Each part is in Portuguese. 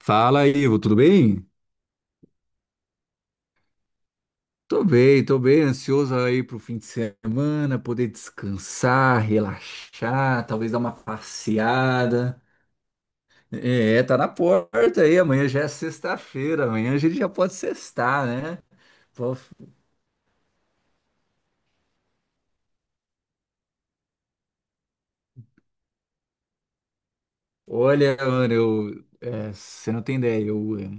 Fala, aí, Ivo, tudo bem? Tô bem, ansioso aí pro fim de semana, poder descansar, relaxar, talvez dar uma passeada. É, tá na porta aí, amanhã já é sexta-feira, amanhã a gente já pode sextar, né? Pô, olha, mano, você não tem ideia,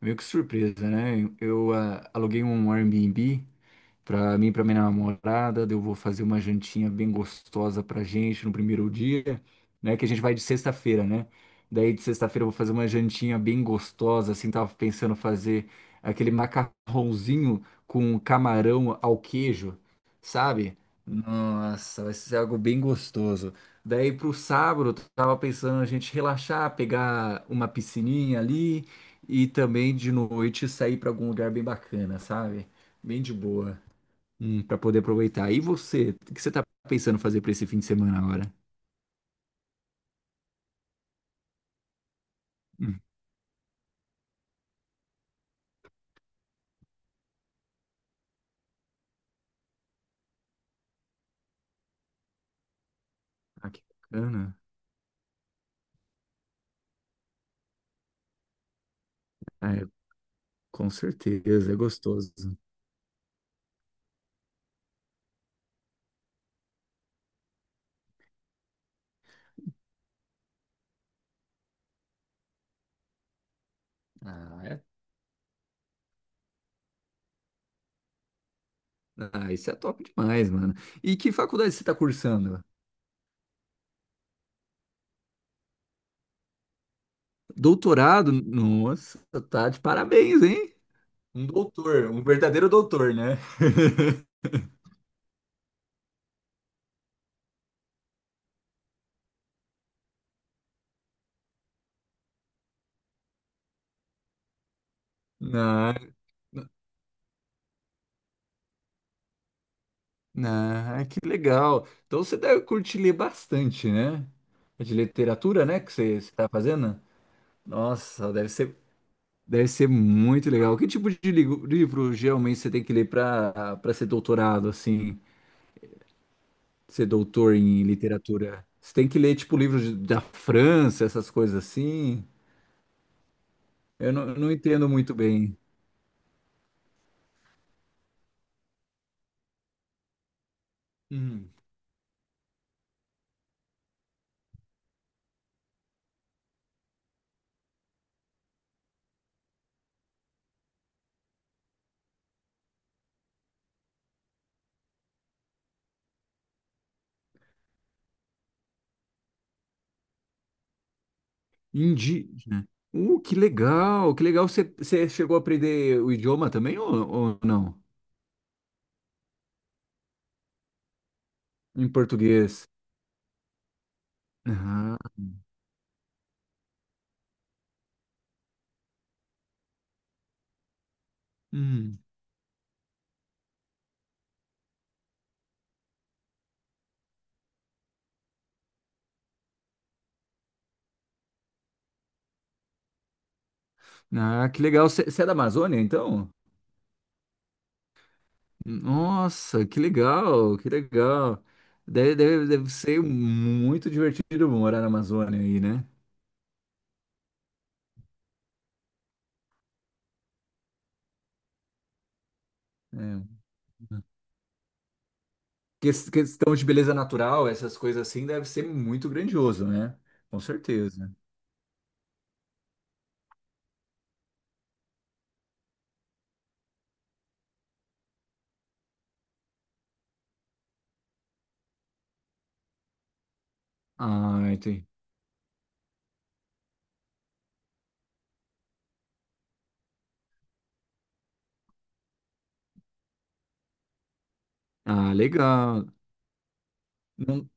meio que surpresa, né? Aluguei um Airbnb para mim, para minha namorada, eu vou fazer uma jantinha bem gostosa pra gente no primeiro dia, né? Que a gente vai de sexta-feira, né? Daí de sexta-feira eu vou fazer uma jantinha bem gostosa, assim, tava pensando fazer aquele macarrãozinho com camarão ao queijo, sabe? Nossa, vai ser algo bem gostoso. Daí pro sábado, eu tava pensando a gente relaxar, pegar uma piscininha ali e também de noite sair pra algum lugar bem bacana, sabe? Bem de boa. Para poder aproveitar. E você, o que você tá pensando fazer para esse fim de semana agora? Hum, ah, que bacana. Ah, é, com certeza, é gostoso. Ah, é- ah, isso é top demais, mano. E que faculdade você tá cursando? Doutorado? Nossa, tá de parabéns, hein? Um doutor, um verdadeiro doutor, né? Ah, ah, que legal. Então você deve curtir ler bastante, né? É de literatura, né, que você está fazendo? Nossa, deve ser. Deve ser muito legal. Que tipo de livro geralmente você tem que ler para ser doutorado, assim, ser doutor em literatura? Você tem que ler, tipo, da França, essas coisas assim? Eu não entendo muito bem. Hum. Indígena. Que legal, que legal. Você, você chegou a aprender o idioma também ou não? Em português. Ah, hum. Ah, que legal. Você, você é da Amazônia, então? Nossa, que legal, que legal. Deve ser muito divertido morar na Amazônia aí, né? É. Questão de beleza natural, essas coisas assim, deve ser muito grandioso, né? Com certeza. Ah, entendi. Ah, legal. Não,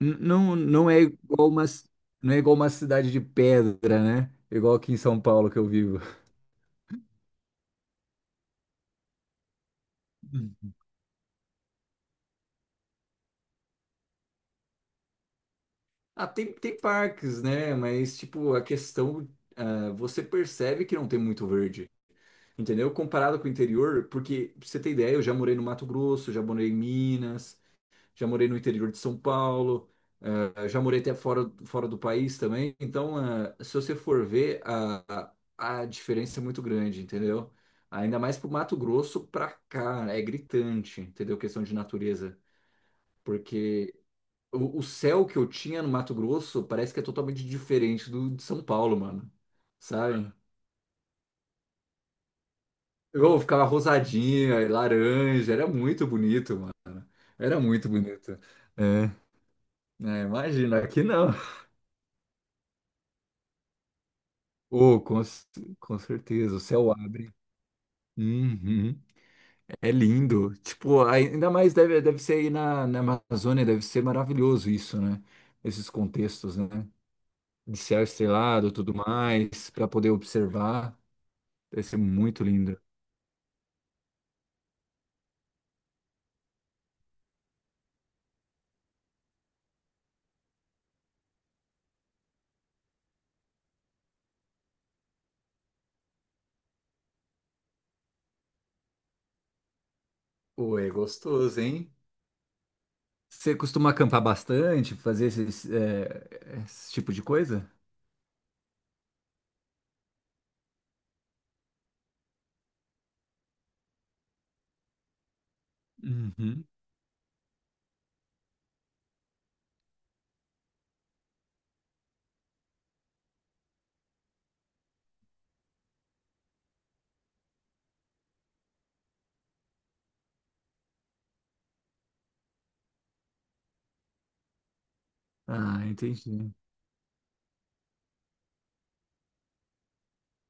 não, não é igual uma cidade de pedra, né? Igual aqui em São Paulo que eu vivo. Hum. Ah, tem, tem parques, né? Mas, tipo, a questão, ah, você percebe que não tem muito verde. Entendeu? Comparado com o interior, porque pra você ter ideia, eu já morei no Mato Grosso, já morei em Minas, já morei no interior de São Paulo, já morei até fora, fora do país também. Então, se você for ver, a diferença é muito grande, entendeu? Ainda mais pro Mato Grosso pra cá, né? É gritante, entendeu? Questão de natureza. Porque o céu que eu tinha no Mato Grosso parece que é totalmente diferente do de São Paulo, mano. Sabe? Eu ficava rosadinha, laranja, era muito bonito, mano. Era muito bonito. É, né, imagina, aqui não. Oh, com, c- com certeza, o céu abre. Uhum, é lindo. Tipo, ainda mais deve, deve ser aí na Amazônia, deve ser maravilhoso isso, né? Esses contextos, né? De céu estrelado, tudo mais, para poder observar. Deve ser muito lindo. Pô, é gostoso, hein? Você costuma acampar bastante, fazer esses, esse tipo de coisa? Uhum. Ah, entendi.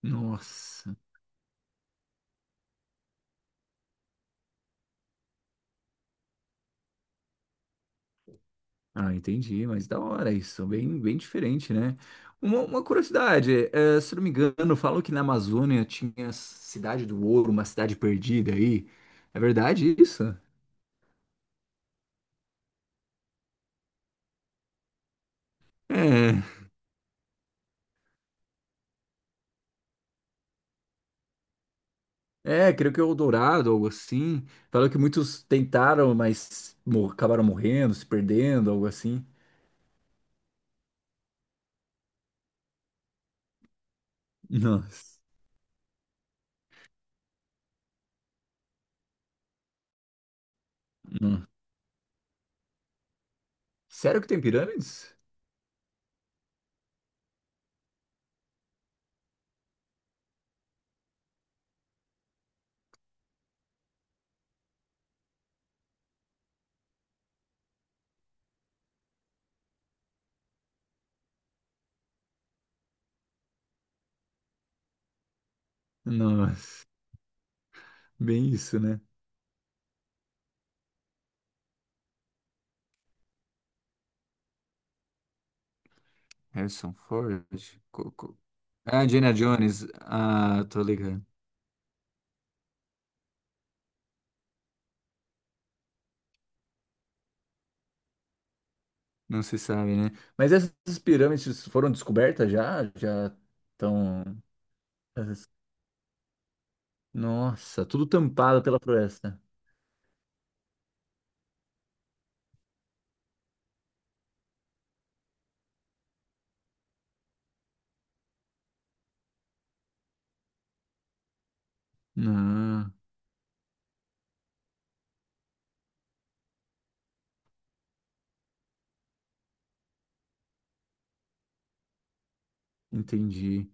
Nossa. Ah, entendi, mas da hora isso, bem, bem diferente, né? Uma curiosidade, se não me engano, falam que na Amazônia tinha a Cidade do Ouro, uma cidade perdida aí. É verdade isso? É, creio que é Eldorado, algo assim. Falam que muitos tentaram, mas acabaram morrendo, se perdendo, algo assim. Nossa. Nossa. Sério que tem pirâmides? Nossa, bem isso, né? Harrison Ford? Co- co- Ah, Indiana Jones. Ah, tô ligado. Não se sabe, né? Mas essas pirâmides foram descobertas já? Já estão. Nossa, tudo tampado pela floresta. Ah, entendi.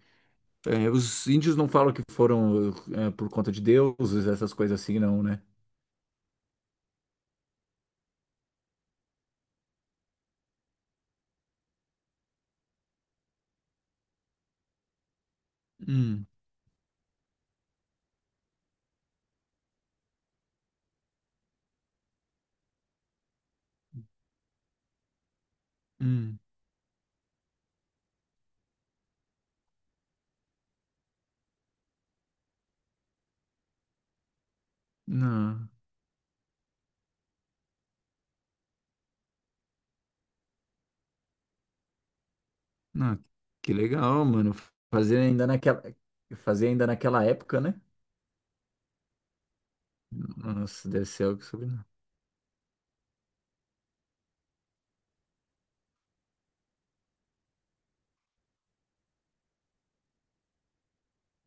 É, os índios não falam que foram por conta de deuses, essas coisas assim, não, né? Hum, hum. Não, não. Que legal, mano. Fazer ainda naquela, fazer ainda naquela época, né? Nossa, deve ser algo sobre.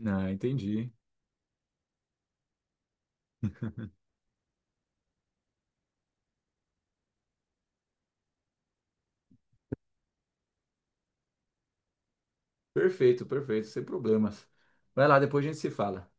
Ah, entendi. Perfeito, perfeito, sem problemas. Vai lá, depois a gente se fala.